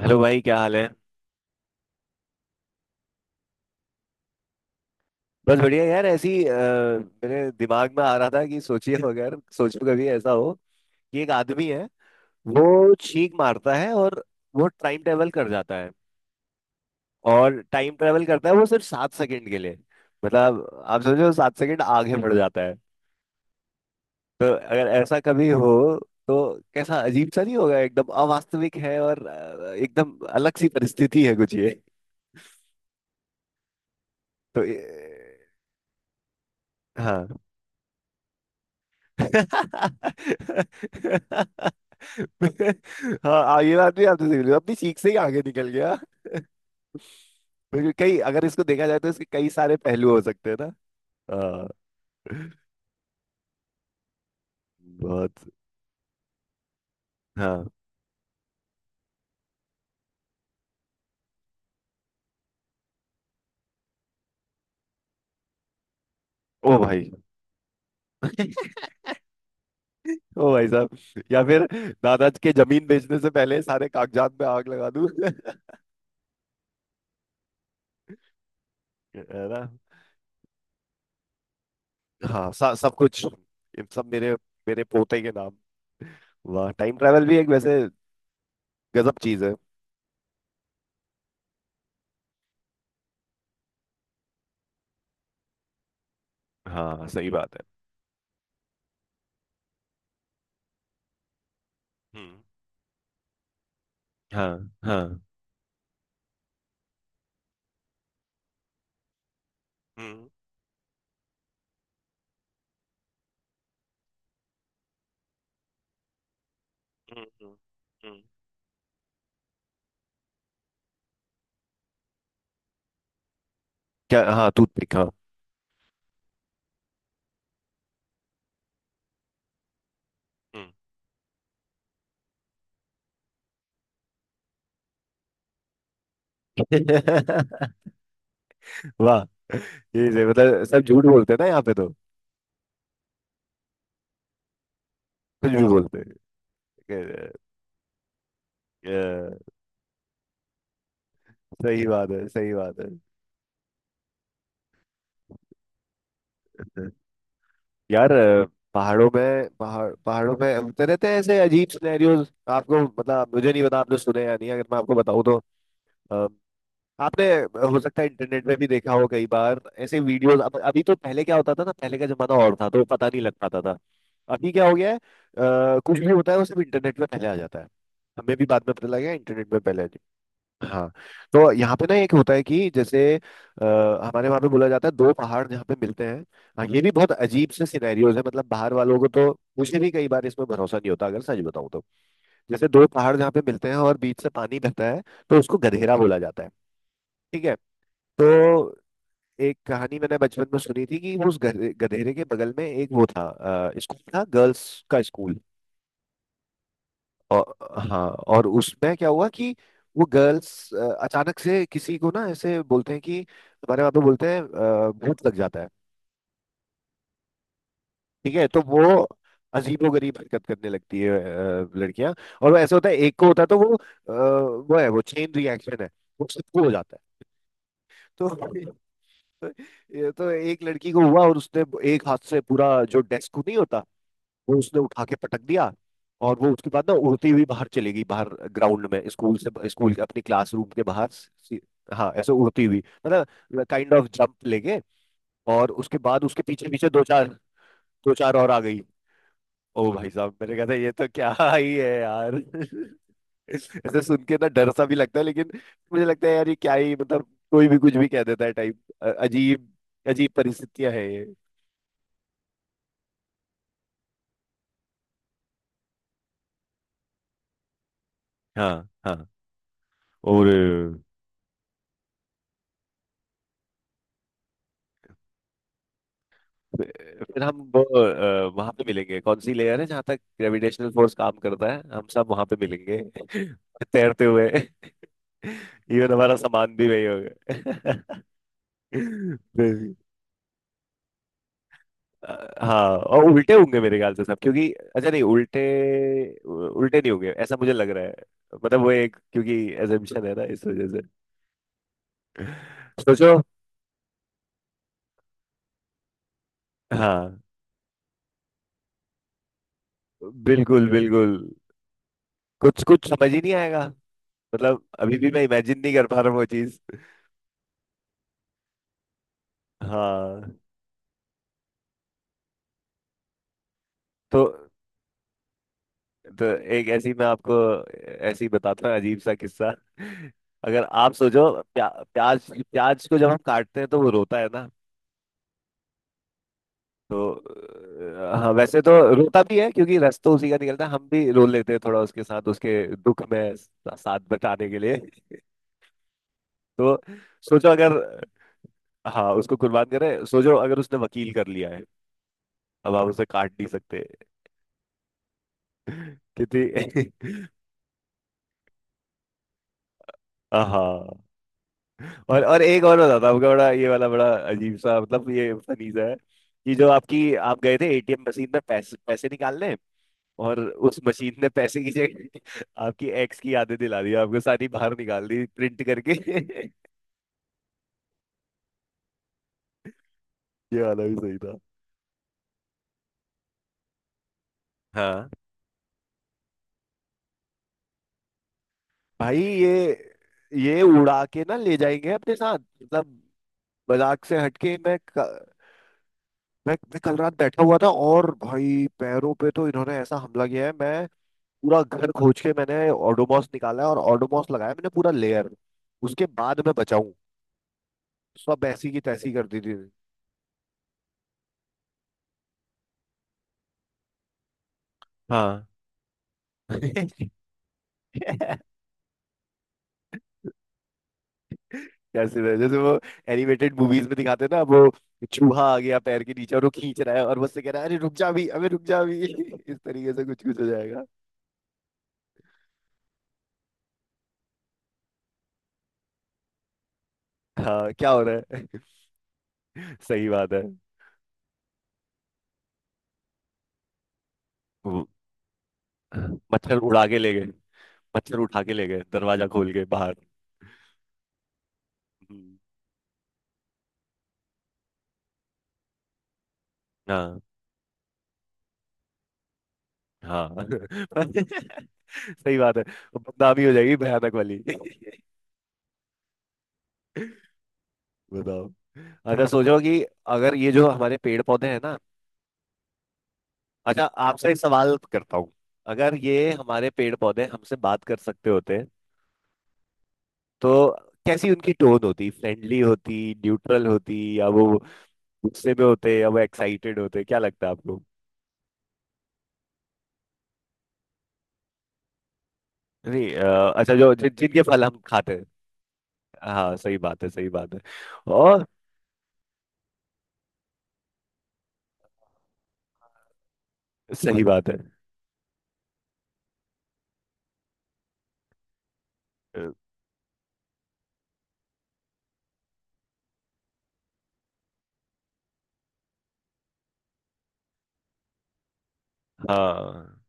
Hello. हाँ भाई, क्या हाल है? बस बढ़िया यार। ऐसी मेरे दिमाग में आ रहा था कि सोचिए, अगर सोचो कभी ऐसा हो कि एक आदमी है, वो छींक मारता है और वो टाइम ट्रेवल कर जाता है, और टाइम ट्रेवल करता है वो सिर्फ 7 सेकंड के लिए। मतलब आप समझो, 7 सेकंड आगे बढ़ जाता है। तो अगर ऐसा कभी हो तो कैसा अजीब सा नहीं होगा? एकदम अवास्तविक है और एकदम अलग सी परिस्थिति है कुछ ये। तो ए, हाँ हाँ, ये बात भी आपने सही बोली, अपनी सीख से ही आगे निकल गया। बिल्कुल, कई अगर इसको देखा जाए तो इसके कई सारे पहलू हो सकते हैं ना। हाँ। बहुत। हाँ। ओ भाई। ओ भाई साहब, या फिर दादाजी के जमीन बेचने से पहले सारे कागजात पे आग लगा दूं। है ना। हाँ सब कुछ ये सब मेरे मेरे पोते के नाम। वाह, टाइम ट्रैवल भी एक वैसे गजब चीज है। हाँ सही बात है। हम्म। हाँ हाँ। हम्म। हम्म। हम्म। हम्म। क्या? हाँ टूथपिक, हाँ। हम्म। वाह। ये से मतलब सब झूठ बोलते हैं ना यहाँ पे तो, कुछ भी बोलते हैं। अ, अ, सही बात है, सही बात है। यार पहाड़ों में, पहाड़ पहाड़ों में होते रहते हैं ऐसे अजीब सिनेरियोज। आपको मतलब, मुझे नहीं पता आपने सुने या नहीं, अगर मैं आपको बताऊं तो आपने हो सकता है इंटरनेट में भी देखा हो। कई बार ऐसे वीडियोस अब, अभी तो पहले क्या होता था ना, पहले का जमाना और था तो पता नहीं लग पाता था। अभी क्या हो गया है, कुछ भी होता है वो सब इंटरनेट में पहले आ जाता है। हमें भी बाद में पता लगा, इंटरनेट में पहले आ जाता है। हाँ। तो यहाँ पे ना एक होता है कि जैसे हमारे वहाँ पे बोला जाता है, दो पहाड़ जहाँ पे मिलते हैं। हाँ ये भी बहुत अजीब से सिनेरियोज है। मतलब बाहर वालों को तो, मुझे भी कई बार इसमें भरोसा नहीं होता अगर सच बताऊँ तो। जैसे दो पहाड़ जहाँ पे मिलते हैं और बीच से पानी बहता है, तो उसको गधेरा बोला जाता है। ठीक है। तो एक कहानी मैंने बचपन में सुनी थी कि उस गधेरे के बगल में एक वो था, स्कूल था, गर्ल्स का स्कूल। और हाँ, और उसमें क्या हुआ कि वो गर्ल्स अचानक से किसी को ना ऐसे बोलते हैं कि, हमारे वहाँ पे बोलते हैं, भूत लग जाता है। ठीक है, तो वो अजीबो गरीब हरकत करने लगती है लड़कियां। और वो ऐसे होता है, एक को होता है तो वो वो है, वो चेन रिएक्शन है, वो सबको हो जाता है। तो ये तो एक लड़की को हुआ, और उसने एक हाथ से पूरा जो डेस्क नहीं होता, वो उसने उठा के पटक दिया। और वो उसके बाद ना उड़ती हुई बाहर चली गई, बाहर ग्राउंड में, स्कूल से, स्कूल के अपनी क्लासरूम के बाहर हाँ ऐसे उड़ती हुई, मतलब काइंड ऑफ जंप लेके। और उसके बाद उसके पीछे पीछे दो चार और आ गई। ओ भाई साहब, मैंने कहा था ये तो क्या ही है यार। ऐसे सुन के ना डर सा भी लगता है, लेकिन मुझे लगता है यार ये क्या ही। मतलब कोई भी कुछ भी कह देता है टाइप। अजीब अजीब परिस्थितियां है ये। हाँ हाँ। और फिर हम वो, वहां पे मिलेंगे। कौन सी लेयर है जहाँ तक ग्रेविटेशनल फोर्स काम करता है, हम सब वहां पे मिलेंगे। तैरते हुए। इवन हमारा सामान भी वही होगा। फिर, हाँ और उल्टे होंगे मेरे ख्याल से सब। क्योंकि, अच्छा नहीं, उल्टे, उल्टे नहीं होंगे ऐसा मुझे लग रहा है। मतलब वो एक, क्योंकि एजम्पशन है ना इस वजह से सोचो। हाँ। बिल्कुल बिल्कुल। कुछ कुछ समझ ही नहीं आएगा, मतलब अभी भी मैं इमेजिन नहीं कर पा रहा हूँ वो चीज। हाँ। तो तो एक ऐसी मैं आपको, ऐसी बताता हूँ अजीब सा किस्सा। अगर आप सोचो, प्याज प्याज को जब हम काटते हैं तो वो रोता है ना। तो हाँ, वैसे तो रोता भी है क्योंकि रस तो उसी का निकलता है। हम भी रो लेते हैं थोड़ा उसके साथ, उसके दुख में साथ बटाने के लिए। तो सोचो, अगर हाँ उसको कुर्बान करें। सोचो अगर उसने वकील कर लिया है, अब आप उसे काट नहीं सकते। कितनी। हाँ, और एक और बताता हूँ आपका। बड़ा ये वाला बड़ा अजीब सा, मतलब ये फनी सा है कि जो आपकी आप गए थे एटीएम मशीन में पैसे पैसे निकालने, और उस मशीन ने पैसे की जगह आपकी एक्स की यादें दिला दी आपको, सारी बाहर निकाल दी प्रिंट करके। ये वाला भी सही था। हाँ भाई। ये उड़ा के ना ले जाएंगे अपने साथ, मतलब। मजाक से हटके, मैं क- मैं कल रात बैठा हुआ था, और भाई पैरों पे तो इन्होंने ऐसा हमला किया है। मैं पूरा घर खोज के, मैंने ओडोमॉस निकाला और ओडोमॉस लगाया। मैंने पूरा लेयर, उसके बाद मैं बचाऊं, सब ऐसी की तैसी कर दी थी। हाँ। जैसे जैसे वो एनिमेटेड मूवीज में दिखाते हैं ना, वो चूहा आ गया पैर के नीचे और वो खींच रहा है, और मुझसे कह रहा है, अरे रुक जा भी, अबे रुक जा भी। इस तरीके से कुछ कुछ हो जाएगा। हाँ, क्या हो रहा है? सही बात है। वो- मच्छर उड़ा के ले गए, मच्छर उठा के ले गए दरवाजा खोल के बाहर। हम्म। हाँ हाँ। सही बात है। वो बदनामी हो जाएगी भयानक वाली। बताओ। अच्छा सोचो कि अगर ये जो हमारे पेड़ पौधे हैं ना। अच्छा आपसे एक सवाल करता हूँ, अगर ये हमारे पेड़ पौधे हमसे बात कर सकते होते तो कैसी उनकी टोन होती? फ्रेंडली होती, न्यूट्रल होती, या वो गुस्से में होते या वो एक्साइटेड होते? क्या लगता है आपको? नहीं अच्छा, जो जिनके फल हम खाते हैं। हाँ सही बात है, सही बात है। और सही बात है। हाँ।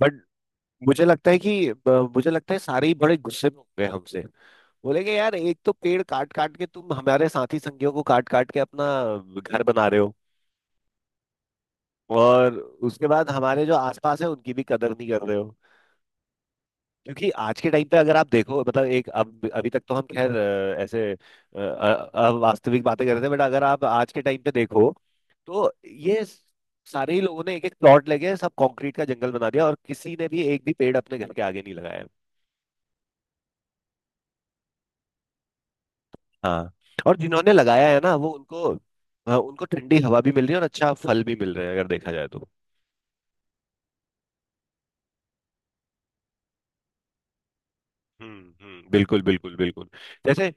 बट मुझे लगता है कि मुझे लगता है सारे ही बड़े गुस्से में होंगे हमसे। बोलेंगे यार, एक तो पेड़ काट काट के, तुम हमारे साथी संगियों को काट काट के अपना घर बना रहे हो। और उसके बाद हमारे जो आसपास है उनकी भी कदर नहीं कर रहे हो। क्योंकि आज के टाइम पे अगर आप देखो, मतलब एक, अब अभी तक तो हम खैर ऐसे वास्तविक बातें कर रहे थे। बट अगर आप आज के टाइम पे देखो तो ये सारे ही लोगों ने एक एक प्लॉट लेके सब कंक्रीट का जंगल बना दिया, और किसी ने भी एक भी पेड़ अपने घर के आगे नहीं लगाया। हाँ। और जिन्होंने लगाया है ना, वो उनको ठंडी हवा भी मिल रही है और अच्छा फल भी मिल रहा है अगर देखा जाए तो। हम्म। बिल्कुल बिल्कुल बिल्कुल। जैसे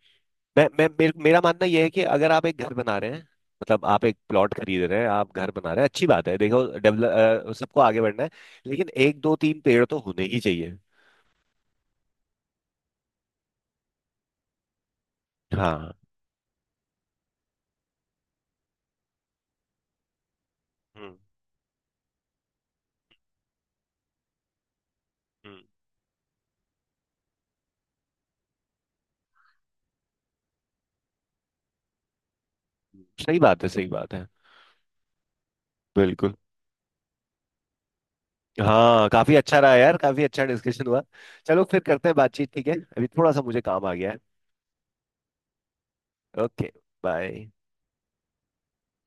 मैं मेरा मानना यह है कि अगर आप एक घर बना रहे हैं, मतलब आप एक प्लॉट खरीद रहे हैं, आप घर बना रहे हैं। अच्छी बात है, देखो डेवलप सबको आगे बढ़ना है, लेकिन एक दो तीन पेड़ तो होने ही चाहिए। हाँ। हम्म हम्म सही बात है, सही बात है। बिल्कुल। हाँ काफी अच्छा रहा यार, काफी अच्छा डिस्कशन हुआ। चलो, फिर करते हैं बातचीत। ठीक है, अभी थोड़ा सा मुझे काम आ गया है। Okay, bye.